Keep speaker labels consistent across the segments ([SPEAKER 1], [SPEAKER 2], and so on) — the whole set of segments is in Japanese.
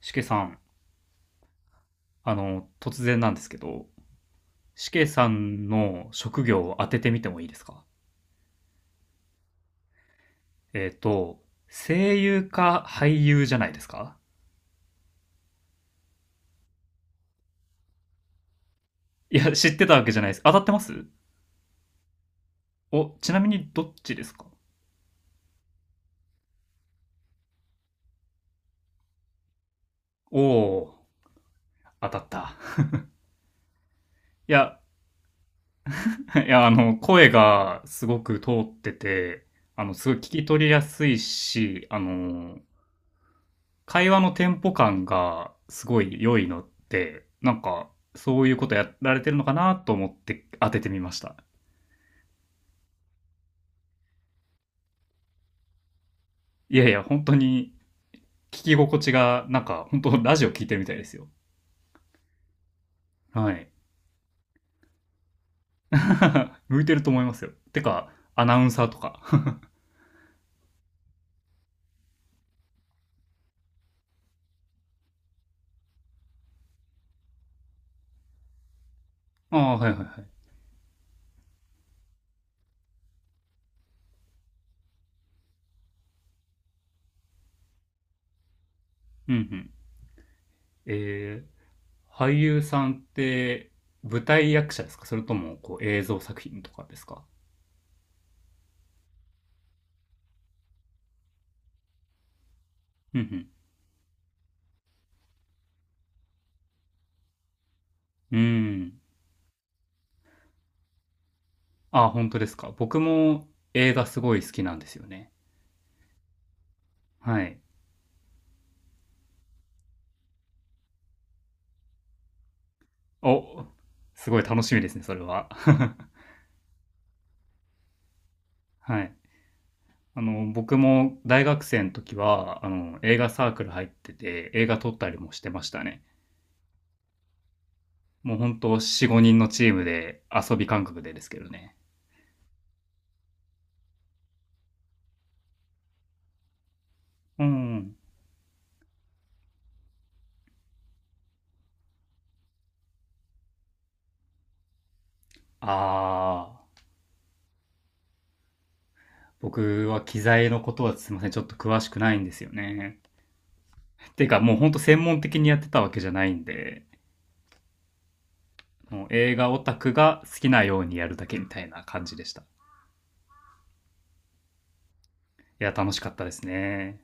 [SPEAKER 1] しけさん、突然なんですけど、しけさんの職業を当ててみてもいいですか？声優か俳優じゃないですか？いや、知ってたわけじゃないです。当たってます。お、ちなみにどっちですか？おおー、当たった。いや、いや、声がすごく通ってて、すごい聞き取りやすいし、会話のテンポ感がすごい良いのって、なんか、そういうことやられてるのかなと思って当ててみました。いやいや、本当に聞き心地が、なんか、本当ラジオ聞いてるみたいですよ。はい。向いてると思いますよ。てか、アナウンサーとか。ああ、はいはいはい。うんうん。えー、俳優さんって舞台役者ですか、それともこう映像作品とかですか？うんうん。うーん。ああ、本当ですか。僕も映画すごい好きなんですよね。はい。お、すごい楽しみですね、それは。はい。僕も大学生の時は、映画サークル入ってて、映画撮ったりもしてましたね。もう本当よんと4、5人のチームで遊び感覚でですけどね。うん。あー、僕は機材のことはすいません、ちょっと詳しくないんですよね。てかもう本当専門的にやってたわけじゃないんで、もう映画オタクが好きなようにやるだけみたいな感じでした。いや、楽しかったですね。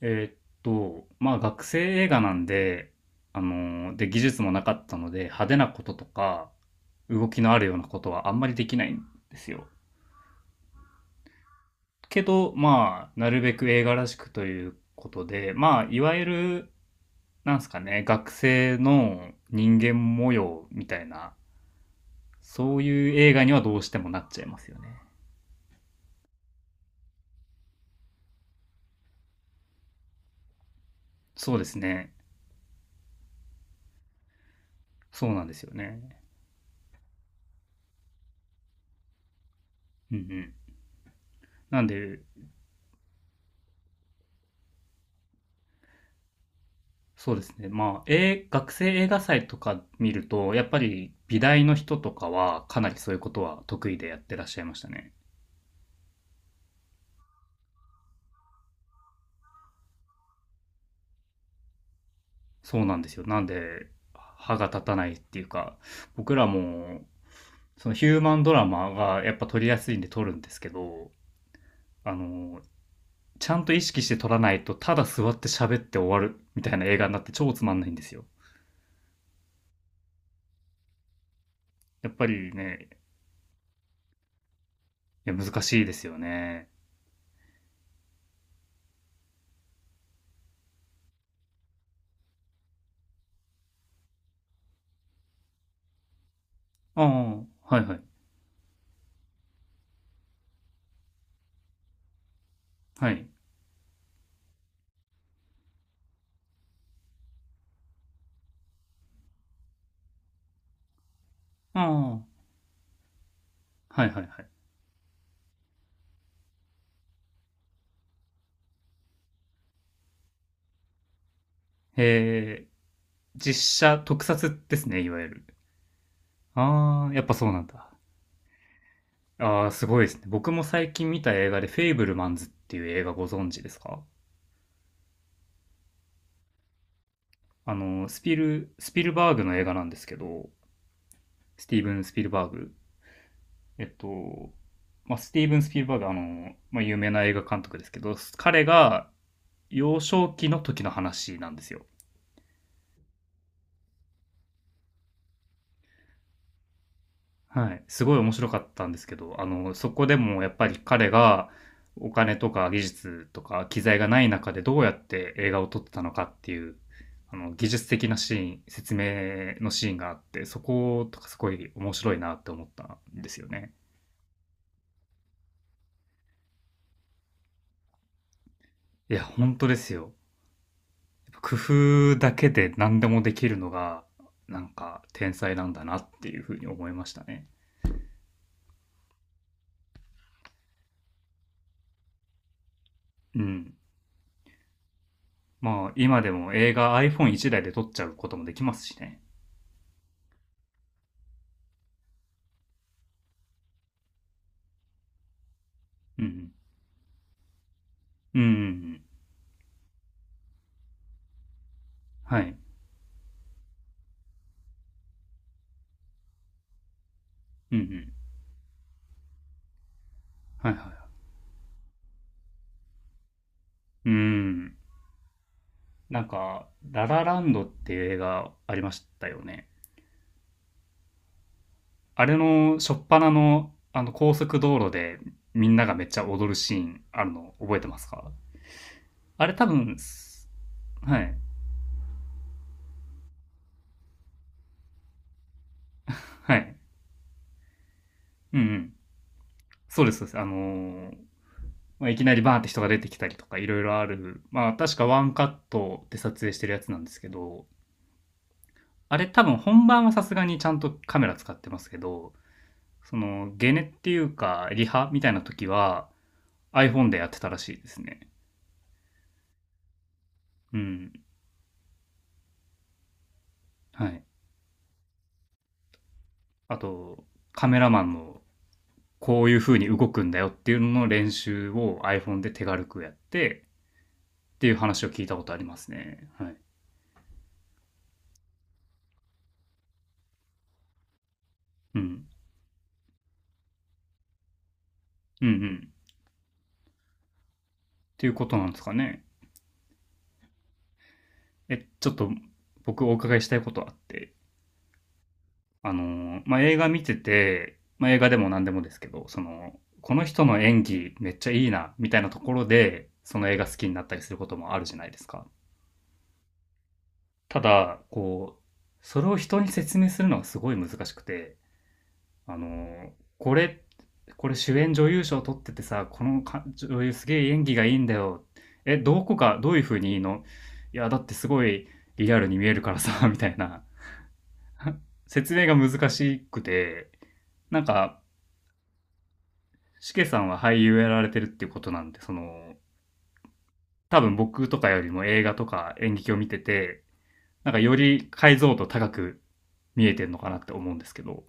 [SPEAKER 1] えーっまあ学生映画なんで、で、技術もなかったので、派手なこととか、動きのあるようなことはあんまりできないんですよ。けど、まあ、なるべく映画らしくということで、まあ、いわゆる、なんすかね、学生の人間模様みたいな、そういう映画にはどうしてもなっちゃいますよね。そうですね。そうなんですよね。うんうん。なんで、そうですね。まあ、学生映画祭とか見ると、やっぱり美大の人とかはかなりそういうことは得意でやってらっしゃいましたね。そうなんですよ。なんで、歯が立たないっていうか、僕らも、そのヒューマンドラマがやっぱ撮りやすいんで撮るんですけど、あの、ちゃんと意識して撮らないと、ただ座って喋って終わるみたいな映画になって超つまんないんですよ。やっぱりね、いや難しいですよね。ああ、はいはい。はい。ああ、はいはいはい。へえ、実写特撮ですね、いわゆる。あー、やっぱそうなんだ。あー、すごいですね。僕も最近見た映画で、フェイブルマンズっていう映画ご存知ですか？スピルバーグの映画なんですけど、スティーブン・スピルバーグ。えっと、まあ、スティーブン・スピルバーグ、まあ、有名な映画監督ですけど、彼が幼少期の時の話なんですよ。はい。すごい面白かったんですけど、そこでもやっぱり彼がお金とか技術とか機材がない中でどうやって映画を撮ってたのかっていう、技術的なシーン、説明のシーンがあって、そことかすごい面白いなって思ったんですよね。いや、本当ですよ。やっぱ工夫だけで何でもできるのが、なんか天才なんだなっていうふうに思いましたね。うん。まあ、今でも映画 iPhone 1 台で撮っちゃうこともできますしね。うん。うんうんうん。はい。うんうん。はいはいはい。うん。なんか、ララランドっていう映画ありましたよね。あれの初っ端のあの高速道路でみんながめっちゃ踊るシーンあるの覚えてますか？あれ多分、はい。はい。うんうん。そうです、そうです。ーまあ、いきなりバーンって人が出てきたりとかいろいろある。まあ確かワンカットで撮影してるやつなんですけど、あれ多分本番はさすがにちゃんとカメラ使ってますけど、その、ゲネっていうか、リハみたいな時は iPhone でやってたらしいですね。うん。はい。あと、カメラマンのこういう風に動くんだよっていうのの練習を iPhone で手軽くやってっていう話を聞いたことありますね。はい。うん。うんうん。っていうことなんですかね。え、ちょっと僕お伺いしたいことあって。まあ、映画見てて、まあ、映画でも何でもですけど、その、この人の演技めっちゃいいな、みたいなところで、その映画好きになったりすることもあるじゃないですか。ただ、こう、それを人に説明するのがすごい難しくて、あの、これ、これ主演女優賞取っててさ、この女優すげえ演技がいいんだよ。え、どこか、どういう風にいいの？いや、だってすごいリアルに見えるからさ、みたいな。説明が難しくて、なんかしけさんは俳優やられてるっていうことなんで、その、多分僕とかよりも映画とか演劇を見てて、なんかより解像度高く見えてるのかなって思うんですけど、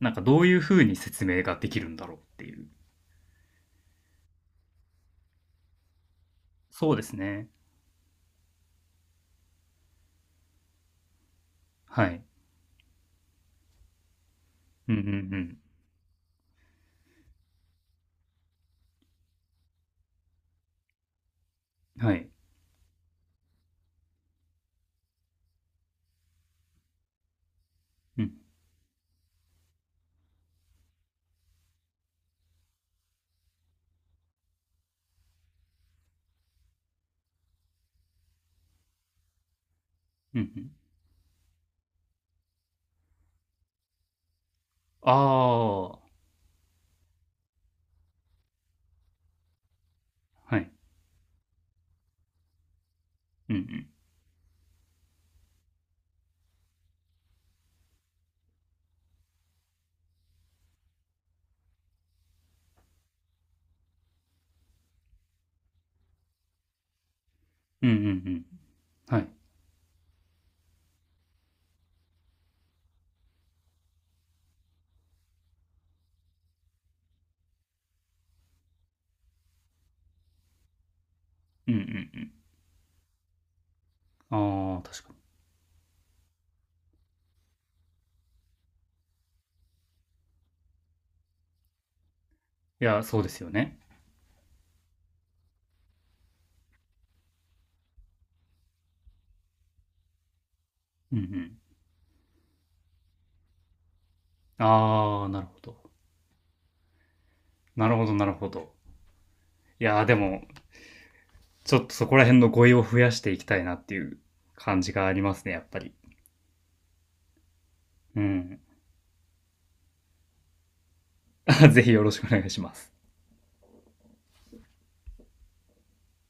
[SPEAKER 1] なんかどういう風に説明ができるんだろうっていう。そうですね。はい。うんうんうん。はい。うんうんうん。ああ、はい。うんうん。うんうんうん。はい。うんうんうん。ああ、確かに。いや、そうですよね。うんうん。ああ、なるほど。なるほど、なるほど。いやー、でも、ちょっとそこら辺の語彙を増やしていきたいなっていう感じがありますね、やっぱり。うん。ぜひよろしくお願いします。